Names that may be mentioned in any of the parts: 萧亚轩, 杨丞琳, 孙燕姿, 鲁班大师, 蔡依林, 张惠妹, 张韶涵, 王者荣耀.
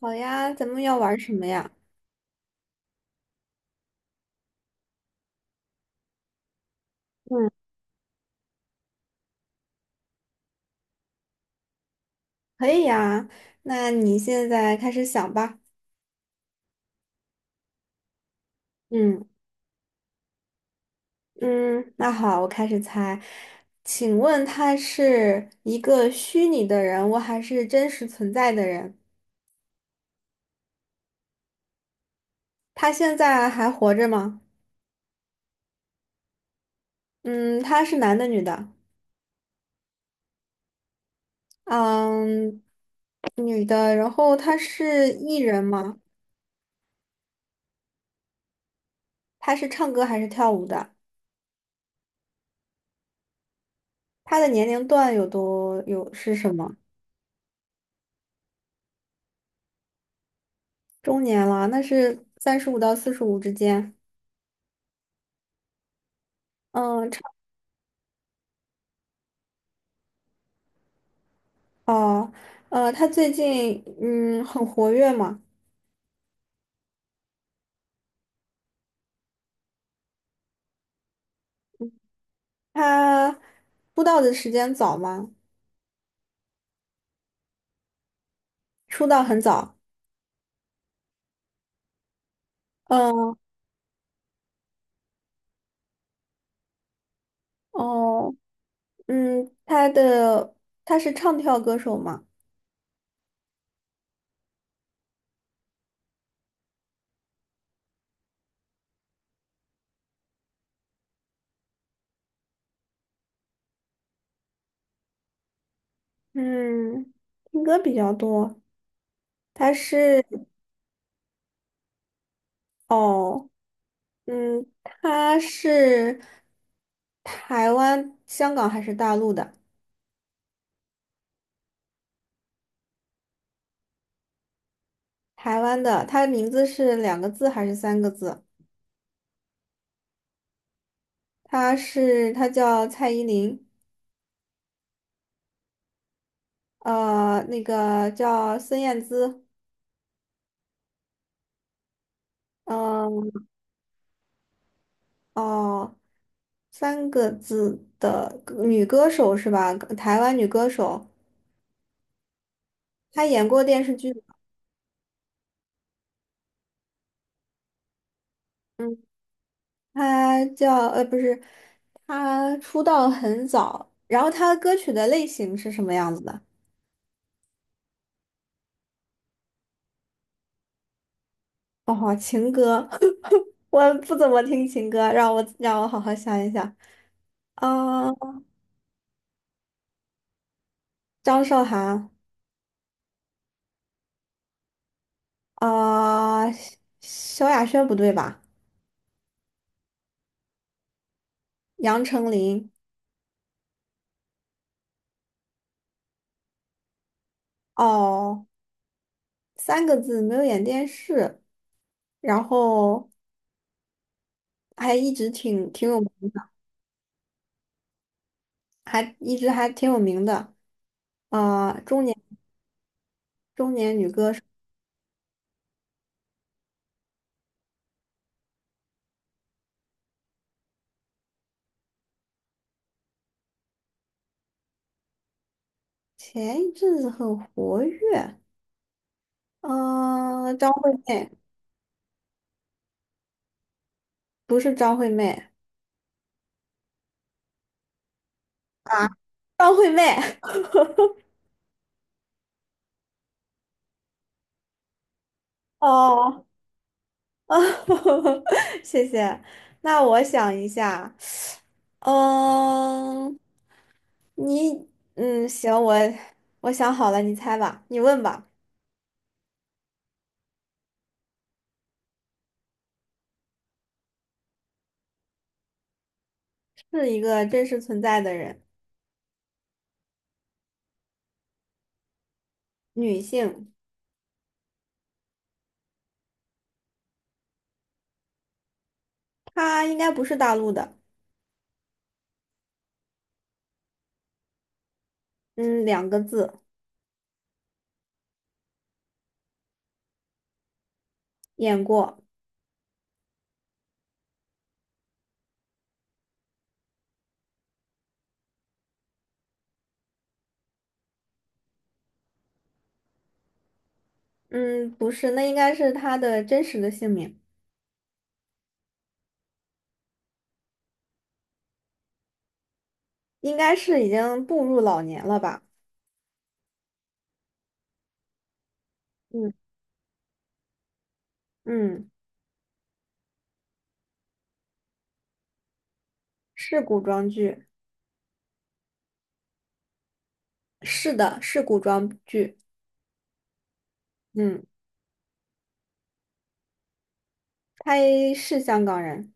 好呀，咱们要玩什么呀？嗯，可以呀。那你现在开始想吧。嗯嗯，那好，我开始猜。请问他是一个虚拟的人物，还是真实存在的人？他现在还活着吗？嗯，他是男的，女的？嗯，女的。然后他是艺人吗？他是唱歌还是跳舞的？他的年龄段有是什么？中年了，那是35到45之间。嗯，哦，他最近很活跃嘛，他出道的时间早吗？出道很早，嗯哦，嗯，他是唱跳歌手嘛，嗯，听歌比较多，他是哦，嗯，他是台湾、香港还是大陆的？台湾的，他的名字是两个字还是三个字？他叫蔡依林。那个叫孙燕姿，嗯，哦，三个字的女歌手是吧？台湾女歌手，她演过电视剧，嗯，不是，她出道很早，然后她的歌曲的类型是什么样子的？哦，情歌，我不怎么听情歌，让我好好想一想，啊、张韶涵，啊、萧亚轩不对吧？杨丞琳。哦，三个字没有演电视，然后还一直挺有名的，还一直还挺有名的。啊，中年女歌手，前一阵子很活跃。嗯，张惠妹不是张惠妹啊，张惠妹 哦，谢谢。那我想一下，嗯，你嗯行，我想好了，你猜吧，你问吧。是一个真实存在的人，女性。他应该不是大陆的，嗯，两个字，演过，嗯，不是，那应该是他的真实的姓名，应该是已经步入老年了吧？嗯嗯，是古装剧，是的，是古装剧，嗯，他是香港人，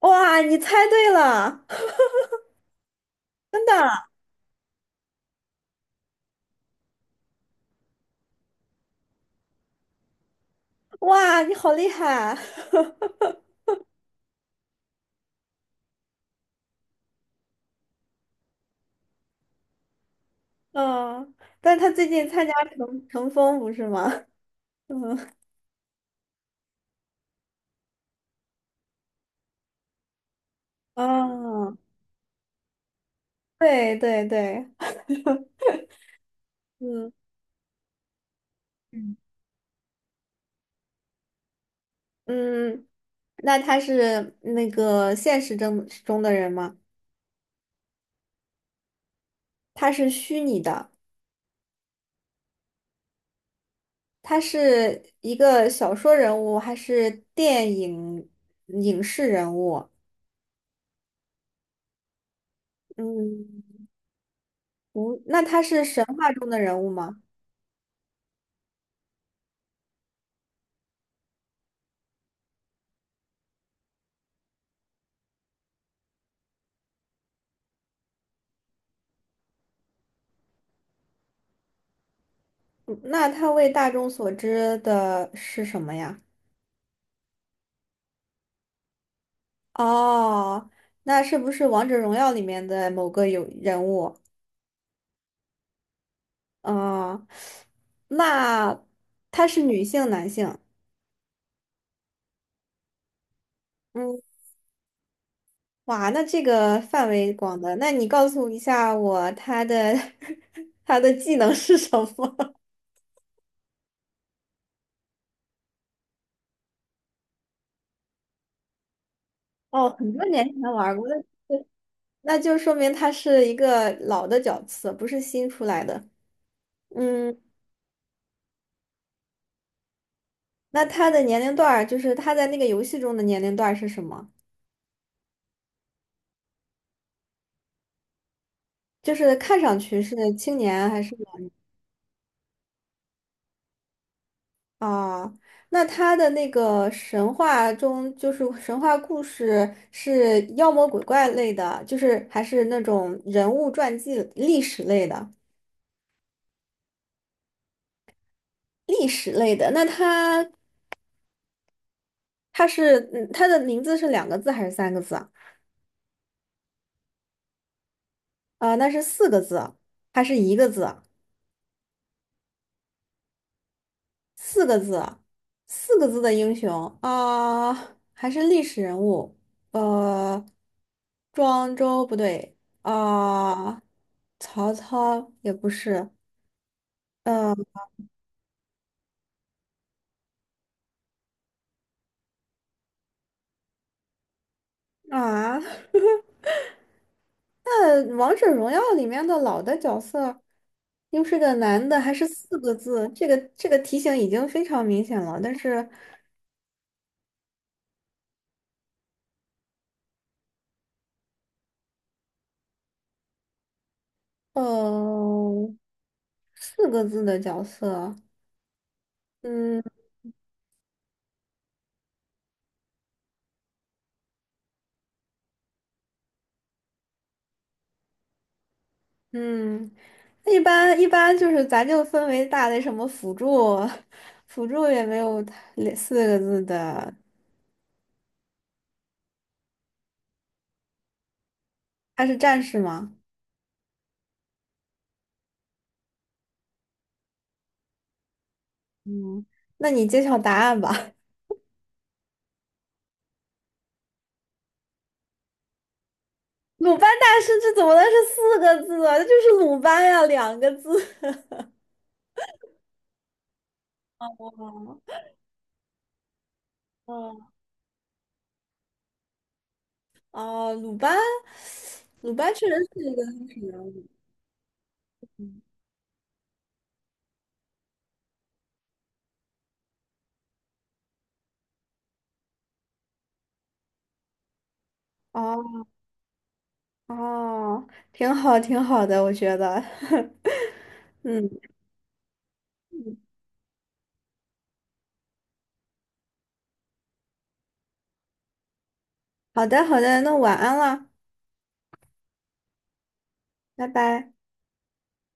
哇，你猜对了，真的，哇，你好厉害，嗯，但他最近参加乘风不是吗？嗯，哦，对对对，嗯。嗯，那他是那个现实中的人吗？他是虚拟的，他是一个小说人物还是电影影视人物？嗯，不，那他是神话中的人物吗？嗯那他为大众所知的是什么呀？哦，那是不是王者荣耀里面的某个人物？哦，那他是女性、男性？嗯。哇，那这个范围广的，那你告诉一下我他的 他的技能是什么？哦，很多年前玩过的，那就说明他是一个老的角色，不是新出来的。嗯，那他的年龄段儿，就是他在那个游戏中的年龄段儿是什么？就是看上去是青年还是？啊，那他的那个神话中，就是神话故事是妖魔鬼怪类的，就是还是那种人物传记、历史类的，历史类的。那他的名字是两个字还是三个字啊？啊，那是四个字还是一个字？四个字，四个字的英雄啊，还是历史人物，呃，庄周不对啊，曹操也不是，呃啊，那王者荣耀里面的老的角色，又是个男的，还是四个字，这个题型已经非常明显了，但是，呃，四个字的角色。嗯。嗯，那一般就是咱就分为大类什么辅助，辅助也没有类四个字的，他是战士吗？嗯，那你揭晓答案吧。鲁班大师这怎么能是四个字啊？这就是鲁班呀，两个字。哦哦哦，鲁班，鲁班确实是一个历史人物。哦哦，挺好挺好的，我觉得。嗯，好的好的，那晚安了，拜拜。